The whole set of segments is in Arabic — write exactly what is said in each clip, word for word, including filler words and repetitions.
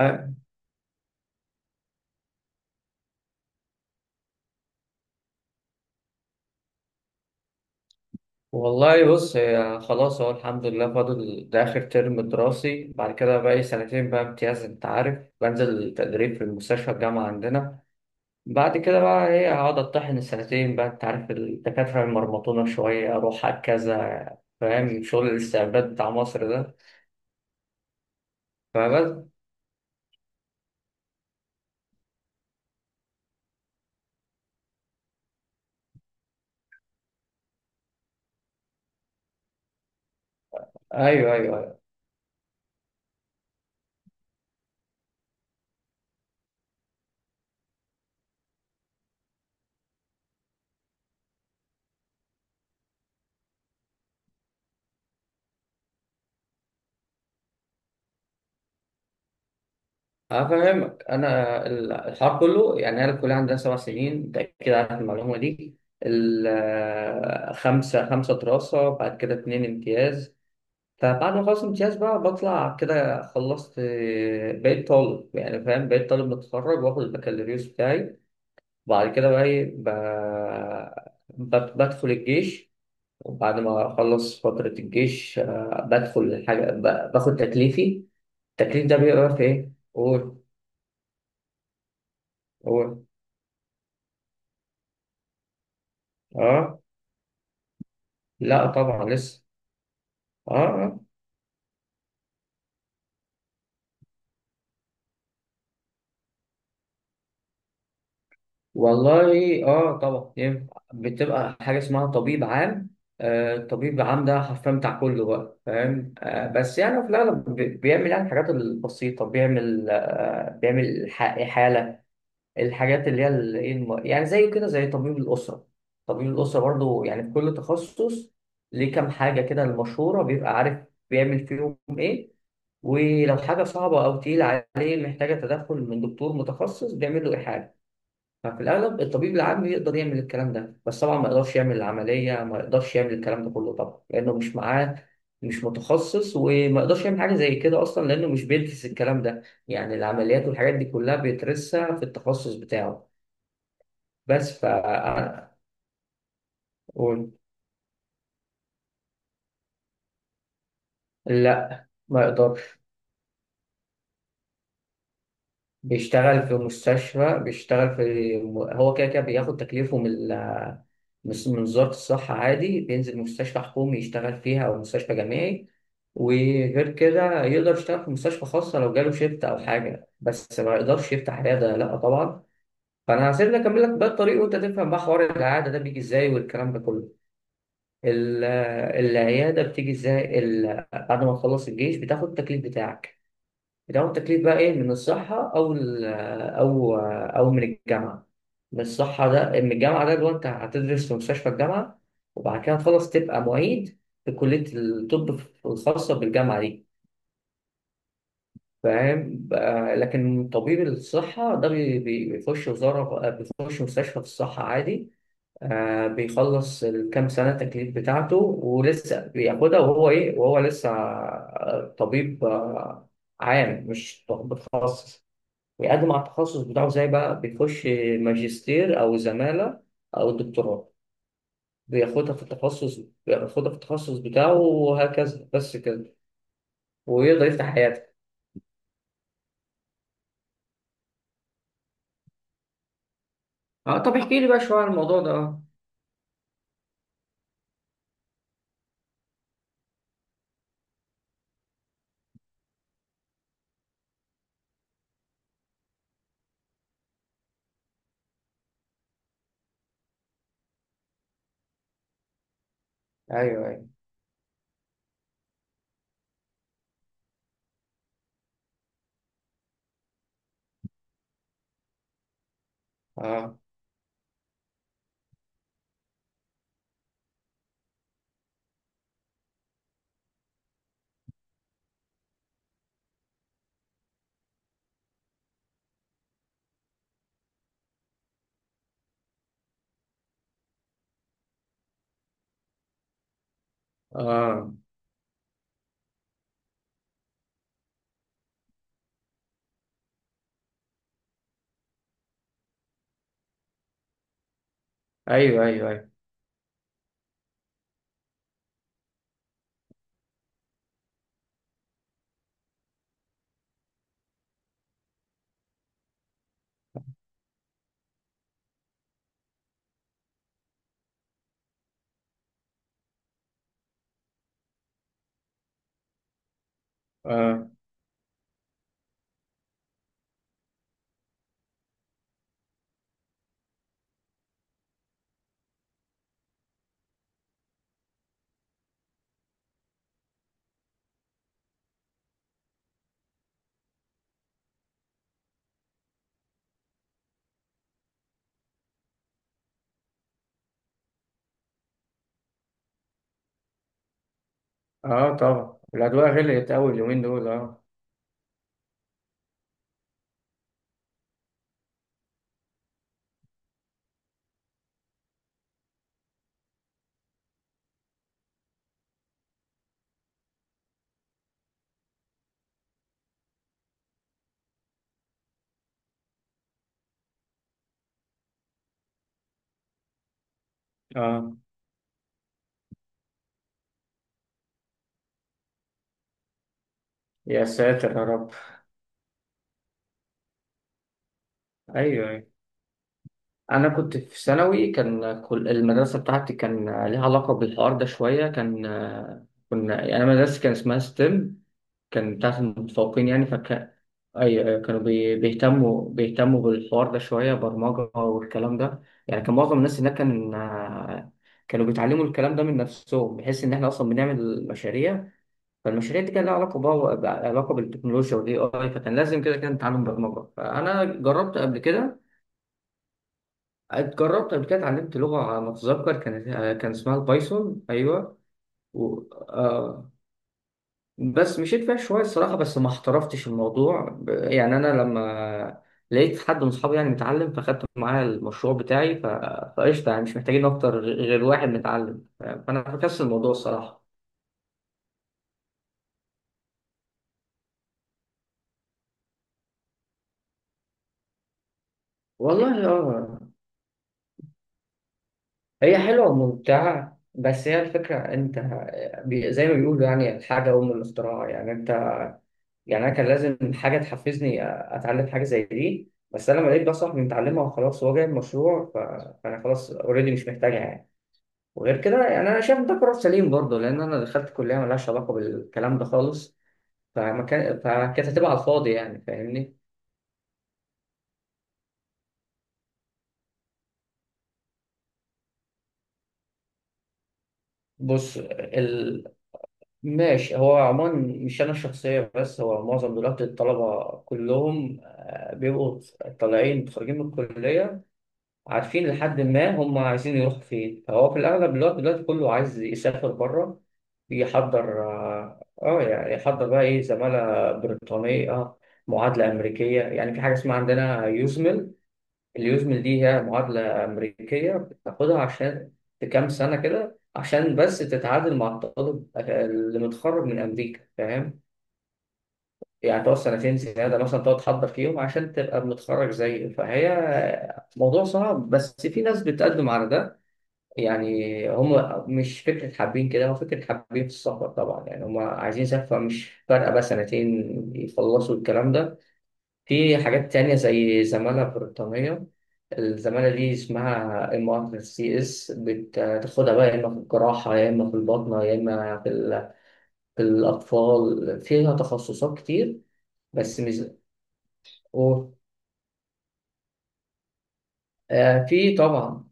أه، والله بص هي خلاص، هو الحمد لله فاضل ده آخر ترم دراسي. بعد كده بقى لي سنتين بقى امتياز. أنت عارف، بنزل تدريب في المستشفى الجامعة عندنا. بعد كده بقى إيه، هقعد أطحن السنتين بقى. أنت عارف الدكاترة المرمطونة شوية، أروح على كذا، فاهم؟ شغل الاستعباد بتاع مصر ده. فبس. أيوه أيوه أيوه. أفهمك أنا. ال- الحوار كله، يعني أنا الكلية عندنا سبع سنين، أنت أكيد عارف المعلومة دي. ال- خمسة خمسة دراسة، بعد كده اتنين امتياز. فبعد ما أخلص امتياز بقى بطلع كده خلصت، آه، بقيت طالب. يعني فاهم، بقيت طالب متخرج وآخد البكالوريوس بتاعي. وبعد كده بقى إيه، ب- بت- بدخل الجيش. وبعد ما أخلص فترة الجيش، آه، بدخل حاجة، ب- باخد تكليفي. التكليف ده بيبقى في إيه؟ قول. قول. اه، لا طبعا لسه. اه آه. والله اه، طبعا ينفع. بتبقى حاجه اسمها طبيب عام. آه الطبيب العام ده حرفيا بتاع كله بقى. فاهم؟ آه بس يعني في الاغلب بي- بيعمل يعني الحاجات البسيطه. بيعمل، آه بيعمل ح- حاله. الحاجات اللي هي ال- إيه، الم- يعني زي كده، زي طبيب الاسره. طبيب الاسره برضه يعني في كل تخصص. ليه كام حاجه كده المشهوره بيبقى عارف بيعمل فيهم ايه. ولو حاجة صعبة أو تقيلة عليه محتاجة تدخل من دكتور متخصص، بيعمل له إيحاء. ففي الأغلب الطبيب العام يقدر يعمل الكلام ده، بس طبعا ما يقدرش يعمل العملية، ما يقدرش يعمل الكلام ده كله طبعا، لأنه مش معاه، مش متخصص. وما يقدرش يعمل حاجة زي كده أصلا، لأنه مش بيدرس الكلام ده. يعني العمليات والحاجات دي كلها بيدرسها في التخصص بتاعه. بس ف. قول. لا ما يقدرش. بيشتغل في مستشفى، بيشتغل في. هو كده كده بياخد تكليفه من ال- من من وزارة الصحة عادي، بينزل مستشفى حكومي يشتغل فيها أو مستشفى جامعي. وغير كده يقدر يشتغل في مستشفى خاصة لو جاله شيفت أو حاجة، بس ما يقدرش يفتح عيادة، لأ طبعا. فأنا هسيبني أكمل لك بقى الطريق، وأنت تفهم بقى حوار العيادة ده بيجي إزاي والكلام ده كله. ال- العيادة بتيجي إزاي، ال- بعد ما تخلص الجيش بتاخد التكليف بتاعك. بيدعموا التكليف بقى ايه، من الصحة او ال- او او من الجامعة. من الصحة ده، من الجامعة ده اللي هو انت هتدرس في مستشفى الجامعة. وبعد كده تخلص تبقى معيد في كلية الطب الخاصة بالجامعة دي. فاهم بقى. لكن طبيب الصحة ده بي- بي- بيخش وزارة، بيخش مستشفى في الصحة عادي. آه، بيخلص الكام سنة التكليف بتاعته، ولسه بياخدها وهو ايه، وهو لسه آه، طبيب، آه، عام، مش طبيب خاص. ويقدم على التخصص بتاعه، زي بقى بيخش ماجستير أو زمالة أو دكتوراه، بياخدها في التخصص. بياخدها في التخصص بتاعه، وهكذا بس كده. ويقدر يفتح حياته. اه، طب احكي لي بقى شوية عن الموضوع ده. اه. ايوه ايوه. اه اه. ايوه ايوه ايوه. اه. اه طبعا، الأدوية غليت أوي اليومين دول. اه. اه، يا ساتر يا رب. ايوه ايوه. انا كنت في ثانوي، كان كل- المدرسه بتاعتي كان ليها علاقه بالحوار ده شويه. كان كنا يعني، انا مدرستي كان اسمها ستيم، كان بتاعت المتفوقين يعني. فكان اي، كانوا بي- بيهتموا بيهتموا بالحوار ده شويه، برمجه والكلام ده. يعني كان معظم الناس هناك كان، آه، كانوا بيتعلموا الكلام ده من نفسهم، بحيث ان احنا اصلا بنعمل مشاريع. فالمشاريع دي كان لها علاقه، بقى علاقه بالتكنولوجيا والاي اي، فكان لازم كده كده نتعلم برمجه. فانا جربت قبل كده، اتجربت قبل كده، اتعلمت لغة على ما أتذكر كانت، آه، كان اسمها البايثون. أيوه. و... آه... بس مشيت فيها شوية الصراحة، بس ما احترفتش الموضوع ب... يعني. أنا لما لقيت حد من أصحابي يعني متعلم، فاخدت معاه المشروع بتاعي ف... فقشطة، يعني مش محتاجين أكتر غير واحد متعلم. ف- فأنا فكست الموضوع الصراحة. والله آه هي حلوة وممتعة، بس هي الفكرة أنت، بي... زي ما بيقولوا يعني، الحاجة أم الاختراع، يعني أنت، يعني انا كان لازم حاجه تحفزني اتعلم حاجه زي دي، بس انا لما لقيت ده صاحبي متعلمها وخلاص، هو جايب مشروع، ف- فانا خلاص اوريدي، مش محتاجها يعني. وغير كده يعني، انا شايف ده قرار سليم برضه، لان انا دخلت كليه ملهاش علاقه بالكلام ده خالص. فما كان، فكانت هتبقى على الفاضي يعني، فاهمني؟ بص، ال... ماشي. هو عموما، مش انا الشخصيه، بس هو معظم دلوقتي الطلبه كلهم آه، بيبقوا طالعين خارجين من الكليه، عارفين لحد ما هم عايزين يروحوا فين. فهو في الأغلب الوقت دلوقتي كله عايز يسافر بره، يحضر اه، آه، يعني يحضر بقى ايه، زمالة بريطانية، آه، معادلة أمريكية. يعني في حاجة اسمها عندنا يوزمل. اليوزمل دي هي معادلة أمريكية بتاخدها عشان في كام سنة كده، عشان بس تتعادل مع الطالب آه، اللي متخرج من أمريكا، فاهم؟ يعني تقعد سنتين زيادة مثلا، تقعد تحضر فيهم عشان تبقى متخرج زيه. فهي موضوع صعب، بس في ناس بتقدم على ده. يعني هم مش فكرة حابين كده، هو فكرة حابين في السفر طبعا، يعني هم عايزين يسافروا، مش فارقة بقى سنتين يخلصوا الكلام ده. في حاجات تانية زي زمالة بريطانية. الزمالة دي اسمها ام ار سي اس، بتاخدها بقى يا اما في الجراحة، يا اما في الباطنة، يا اما في, ال- في الأطفال. فيها تخصصات كتير. بس مش. و- آه، في طبعا.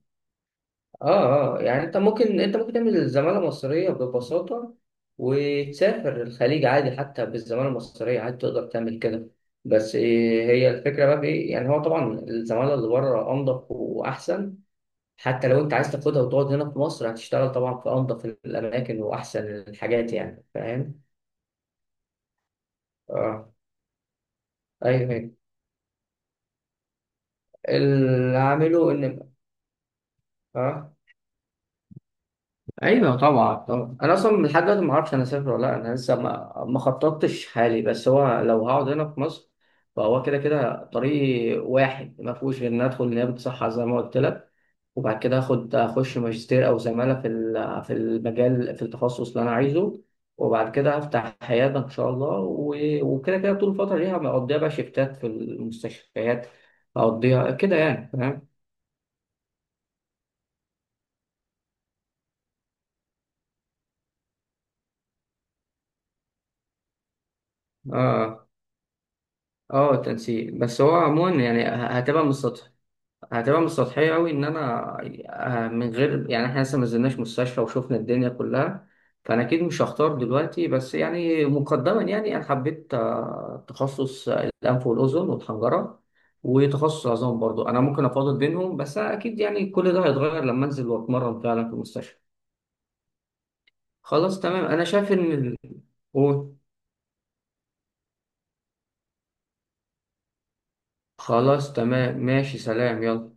اه اه، يعني انت ممكن انت ممكن تعمل زمالة مصرية ببساطة، وتسافر الخليج عادي، حتى بالزمالة المصرية عادي تقدر تعمل كده. بس إيه هي الفكرة بقى، في ايه يعني، هو طبعا الزمالة اللي بره أنضف وأحسن. حتى لو انت عايز تاخدها وتقعد هنا في مصر، هتشتغل طبعا في أنضف الأماكن وأحسن الحاجات، يعني فاهم؟ اه. ايوه أيوة. اللي عامله ان، اه. ايوه طبعا طبعا، انا اصلا لحد دلوقتي ما اعرفش انا اسافر ولا لا، انا لسه ما ما خططتش حالي، بس هو لو هقعد هنا في مصر، فهو كده كده طريق واحد، ما فيهوش غير ان ادخل نيابه صحه زي ما قلت لك. وبعد كده اخد اخش ماجستير او زماله في ال- في المجال، في التخصص اللي انا عايزه. وبعد كده هفتح عياده ان شاء الله. و- وكده كده طول الفتره دي هقضيها بقى شيفتات في المستشفيات، هقضيها كده يعني، فاهم؟ اه. اه تنسيق، بس هو عموما يعني، ه- هتبقى من السطح. هتبقى مش سطحية أوي، إن أنا آه، من غير يعني. إحنا لسه ما نزلناش مستشفى وشوفنا الدنيا كلها، فأنا أكيد مش هختار دلوقتي، بس يعني مقدما، يعني أنا حبيت آه، تخصص، آه، الأنف والأذن والحنجرة، وتخصص عظام برضو، أنا ممكن أفاضل بينهم، بس أكيد يعني كل ده هيتغير لما أنزل وأتمرن فعلا في المستشفى. خلاص تمام. أنا شايف إن ال- قول. خلاص تمام ماشي، سلام، يلا.